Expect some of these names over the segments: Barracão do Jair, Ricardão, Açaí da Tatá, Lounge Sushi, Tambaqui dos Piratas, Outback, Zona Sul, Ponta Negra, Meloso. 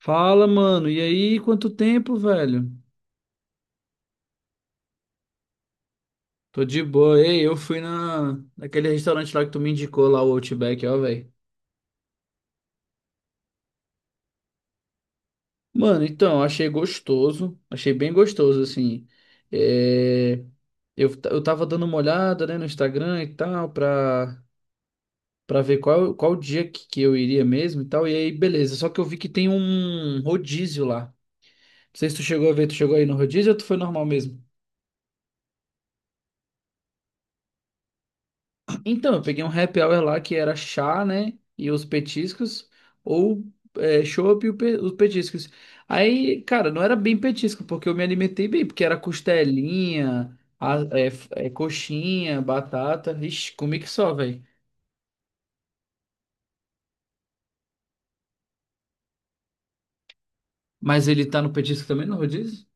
Fala, mano. E aí, quanto tempo, velho? Tô de boa. Ei, eu fui naquele restaurante lá que tu me indicou, lá o Outback, ó, velho. Mano, então, achei gostoso. Achei bem gostoso, assim. É... eu tava dando uma olhada, né, no Instagram e tal, pra ver qual dia que eu iria mesmo e tal. E aí, beleza. Só que eu vi que tem um rodízio lá. Não sei se tu chegou a ver, tu chegou aí no rodízio ou tu foi normal mesmo? Então, eu peguei um happy hour lá que era chá, né? E os petiscos, ou chopp e os petiscos. Aí, cara, não era bem petisco, porque eu me alimentei bem, porque era costelinha, coxinha, batata. Ixi, comi que só, velho. Mas ele tá no petisco também, no rodízio?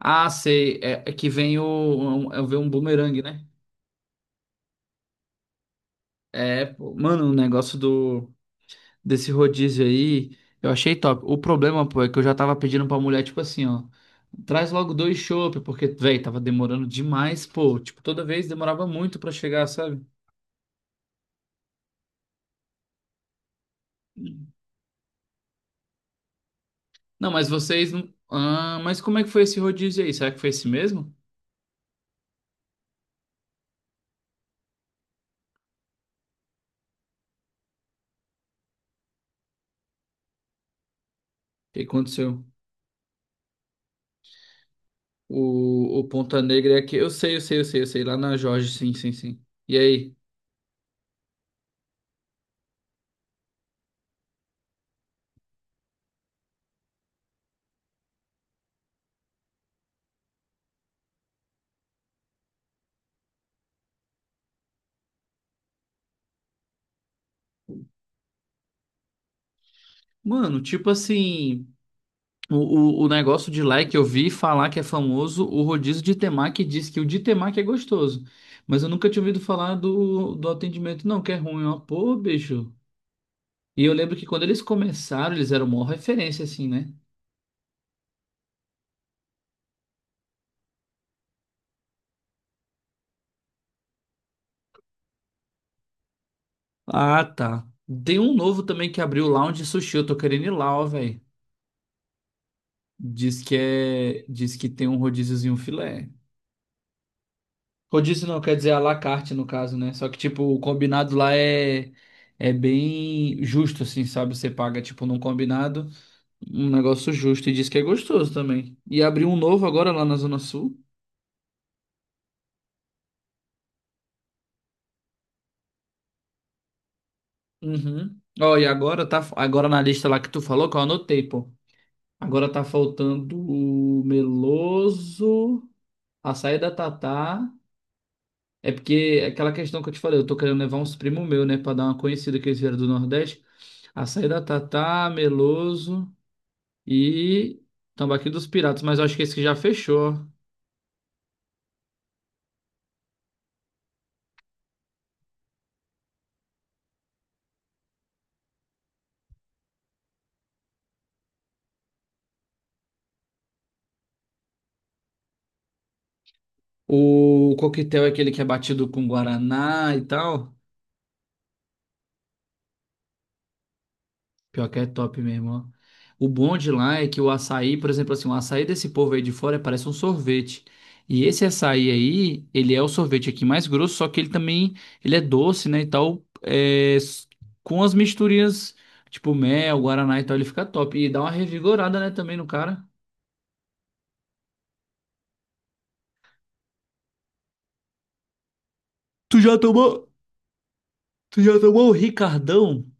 Ah, sei. É que vem um bumerangue, né? É, pô, mano, o negócio do. Desse rodízio aí, eu achei top. O problema, pô, é que eu já tava pedindo pra mulher, tipo assim, ó, traz logo dois chopp, porque, velho, tava demorando demais, pô, tipo, toda vez demorava muito pra chegar, sabe? Não, mas vocês não. Ah, mas como é que foi esse rodízio aí? Será que foi esse mesmo? O que aconteceu? O Ponta Negra é aqui. Eu sei, eu sei, eu sei, eu sei. Lá na Jorge, sim, sim, sim. E aí? Mano, tipo assim. O negócio de lá é que eu vi falar que é famoso o rodízio de temaki, diz que o de temaki é gostoso. Mas eu nunca tinha ouvido falar do atendimento, não, que é ruim, ó. Pô, bicho. E eu lembro que quando eles começaram, eles eram uma referência, assim, né? Ah, tá. Tem um novo também que abriu Lounge Sushi. Eu tô querendo ir lá, ó, velho. Diz que é. Diz que tem um rodíziozinho filé. Rodízio não, quer dizer à la carte, no caso, né? Só que, tipo, o combinado lá é. É bem justo, assim, sabe? Você paga, tipo, num combinado. Um negócio justo e diz que é gostoso também. E abriu um novo agora lá na Zona Sul. Uhum. Ó, e agora tá agora na lista lá que tu falou, que eu anotei, pô. Agora tá faltando o Meloso, açaí da Tatá. É porque é aquela questão que eu te falei, eu tô querendo levar uns primos meus, né, pra dar uma conhecida que eles vieram do Nordeste. Açaí da Tatá, Meloso e Tambaqui dos Piratas, mas eu acho que esse que já fechou, ó. O coquetel é aquele que é batido com guaraná e tal. Pior que é top mesmo, ó. O bom de lá é que o açaí, por exemplo, assim, o açaí desse povo aí de fora parece um sorvete. E esse açaí aí, ele é o sorvete aqui mais grosso, só que ele também, ele é doce, né, e tal, com as misturinhas, tipo mel, guaraná e tal, ele fica top. E dá uma revigorada, né, também no cara. Tu já tomou? Tu já tomou o Ricardão?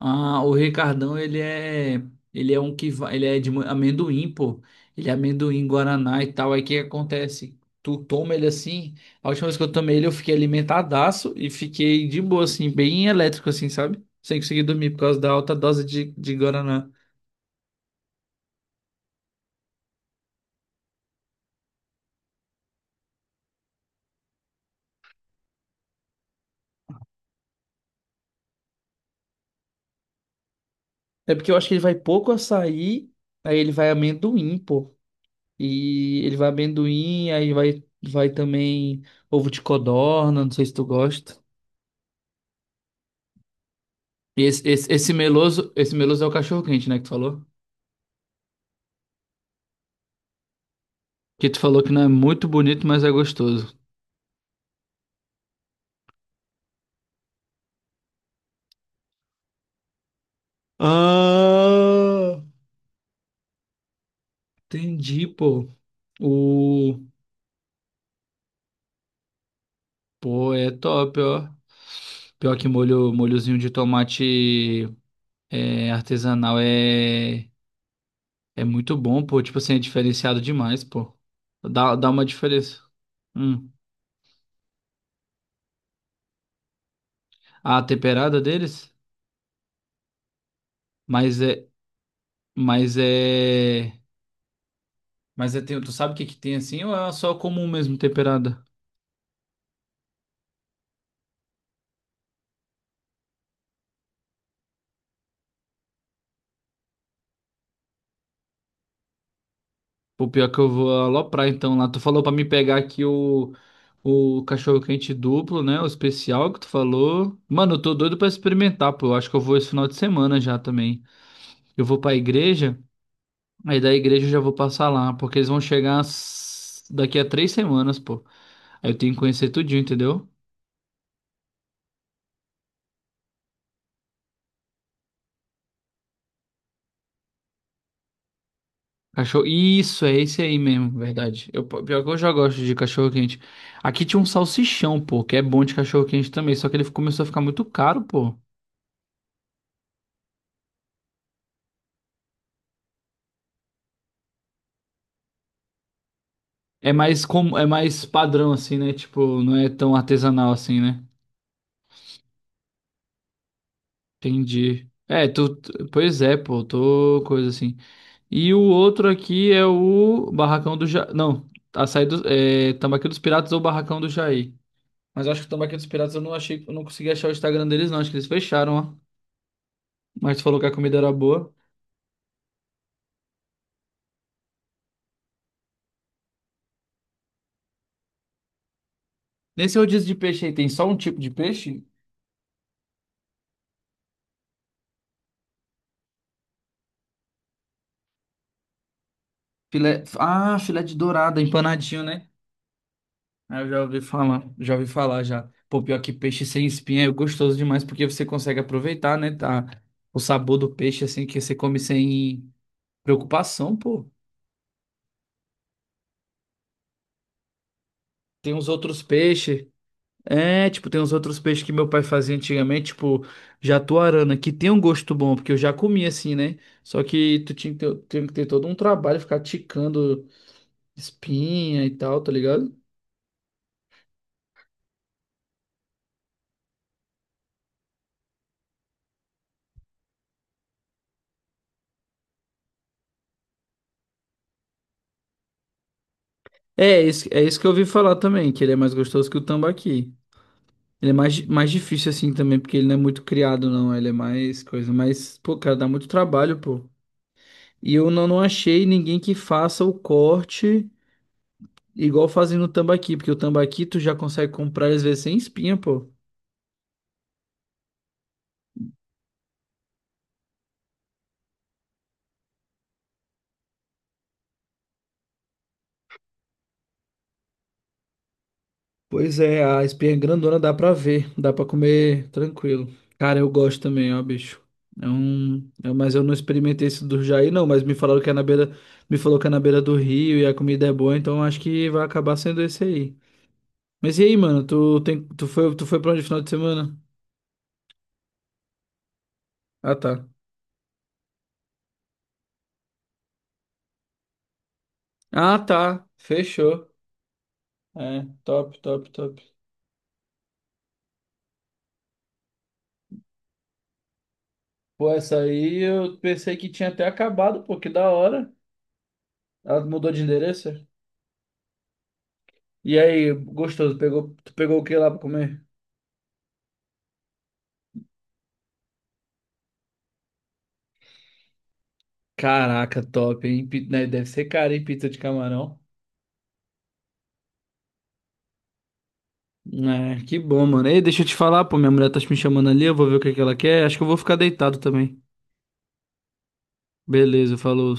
Ah, o Ricardão, ele é um que vai, ele é de amendoim, pô. Ele é amendoim, guaraná e tal. Aí o que acontece? Tu toma ele assim, a última vez que eu tomei ele, eu fiquei alimentadaço e fiquei de boa, assim, bem elétrico, assim, sabe? Sem conseguir dormir por causa da alta dose de guaraná. É porque eu acho que ele vai pouco açaí, aí ele vai amendoim, pô. E ele vai amendoim, aí vai também ovo de codorna, não sei se tu gosta. E esse meloso é o cachorro quente, né, que tu falou? Que tu falou que não é muito bonito, mas é gostoso. Ah, entendi, pô. O, pô, é top, ó. Pior que molho, molhozinho de tomate é, artesanal é muito bom, pô. Tipo assim, é diferenciado demais, pô. Dá uma diferença. Hum. A temperada deles, mas é, mas é Mas é, tem, tu sabe o que que tem assim ou é só comum mesmo temperada? Pô, pior que eu vou aloprar então lá. Tu falou pra me pegar aqui o cachorro-quente duplo, né? O especial que tu falou. Mano, eu tô doido pra experimentar, pô. Eu acho que eu vou esse final de semana já também. Eu vou pra igreja, aí da igreja eu já vou passar lá, porque eles vão chegar daqui a 3 semanas, pô. Aí eu tenho que conhecer tudinho, entendeu? Cachorro. Isso, é esse aí mesmo, verdade. Eu, pior que eu já gosto de cachorro quente. Aqui tinha um salsichão, pô, que é bom de cachorro quente também, só que ele começou a ficar muito caro, pô. É mais padrão assim, né? Tipo, não é tão artesanal assim, né? Entendi. É, pois é, pô, tô coisa assim. E o outro aqui é o Barracão do Não, açaí Tambaqui dos Piratas ou Barracão do Jair. Mas eu acho que o Tambaqui dos Piratas eu não achei, eu não consegui achar o Instagram deles não, acho que eles fecharam, ó. Mas tu falou que a comida era boa. Nesse rodízio de peixe aí, tem só um tipo de peixe? Ah, filé de dourada, empanadinho, né? Ah, eu já ouvi falar, já ouvi falar já. Pô, pior que peixe sem espinha é gostoso demais, porque você consegue aproveitar, né? Tá? O sabor do peixe, assim, que você come sem preocupação, pô. Tem uns outros peixes. É, tipo, tem uns outros peixes que meu pai fazia antigamente, tipo, jatuarana, que tem um gosto bom, porque eu já comi assim, né? Só que tu tinha que ter todo um trabalho, ficar ticando espinha e tal, tá ligado? É isso que eu ouvi falar também, que ele é mais gostoso que o tambaqui. Ele é mais difícil assim também, porque ele não é muito criado, não. Ele é mais coisa, mas, pô, cara, dá muito trabalho, pô. E eu não, não achei ninguém que faça o corte igual fazendo o tambaqui, porque o tambaqui tu já consegue comprar às vezes sem espinha, pô. Pois é, a espinha grandona dá pra ver, dá pra comer tranquilo. Cara, eu gosto também, ó, bicho. É um, mas eu não experimentei esse do Jair, não, mas me falaram que é na beira, me falou que é na beira do rio e a comida é boa, então acho que vai acabar sendo esse aí. Mas e aí, mano, tu foi pra onde final de semana? Ah, tá. Ah, tá. Fechou. É, top, top, top. Pô, essa aí eu pensei que tinha até acabado, pô, que da hora. Ela mudou de endereço? E aí, gostoso, tu pegou o que lá pra comer? Caraca, top, hein? Né, deve ser caro, hein? Pizza de camarão. É, que bom, mano. Ei, deixa eu te falar, pô, minha mulher tá me chamando ali, eu vou ver o que que ela quer. Acho que eu vou ficar deitado também. Beleza, falou.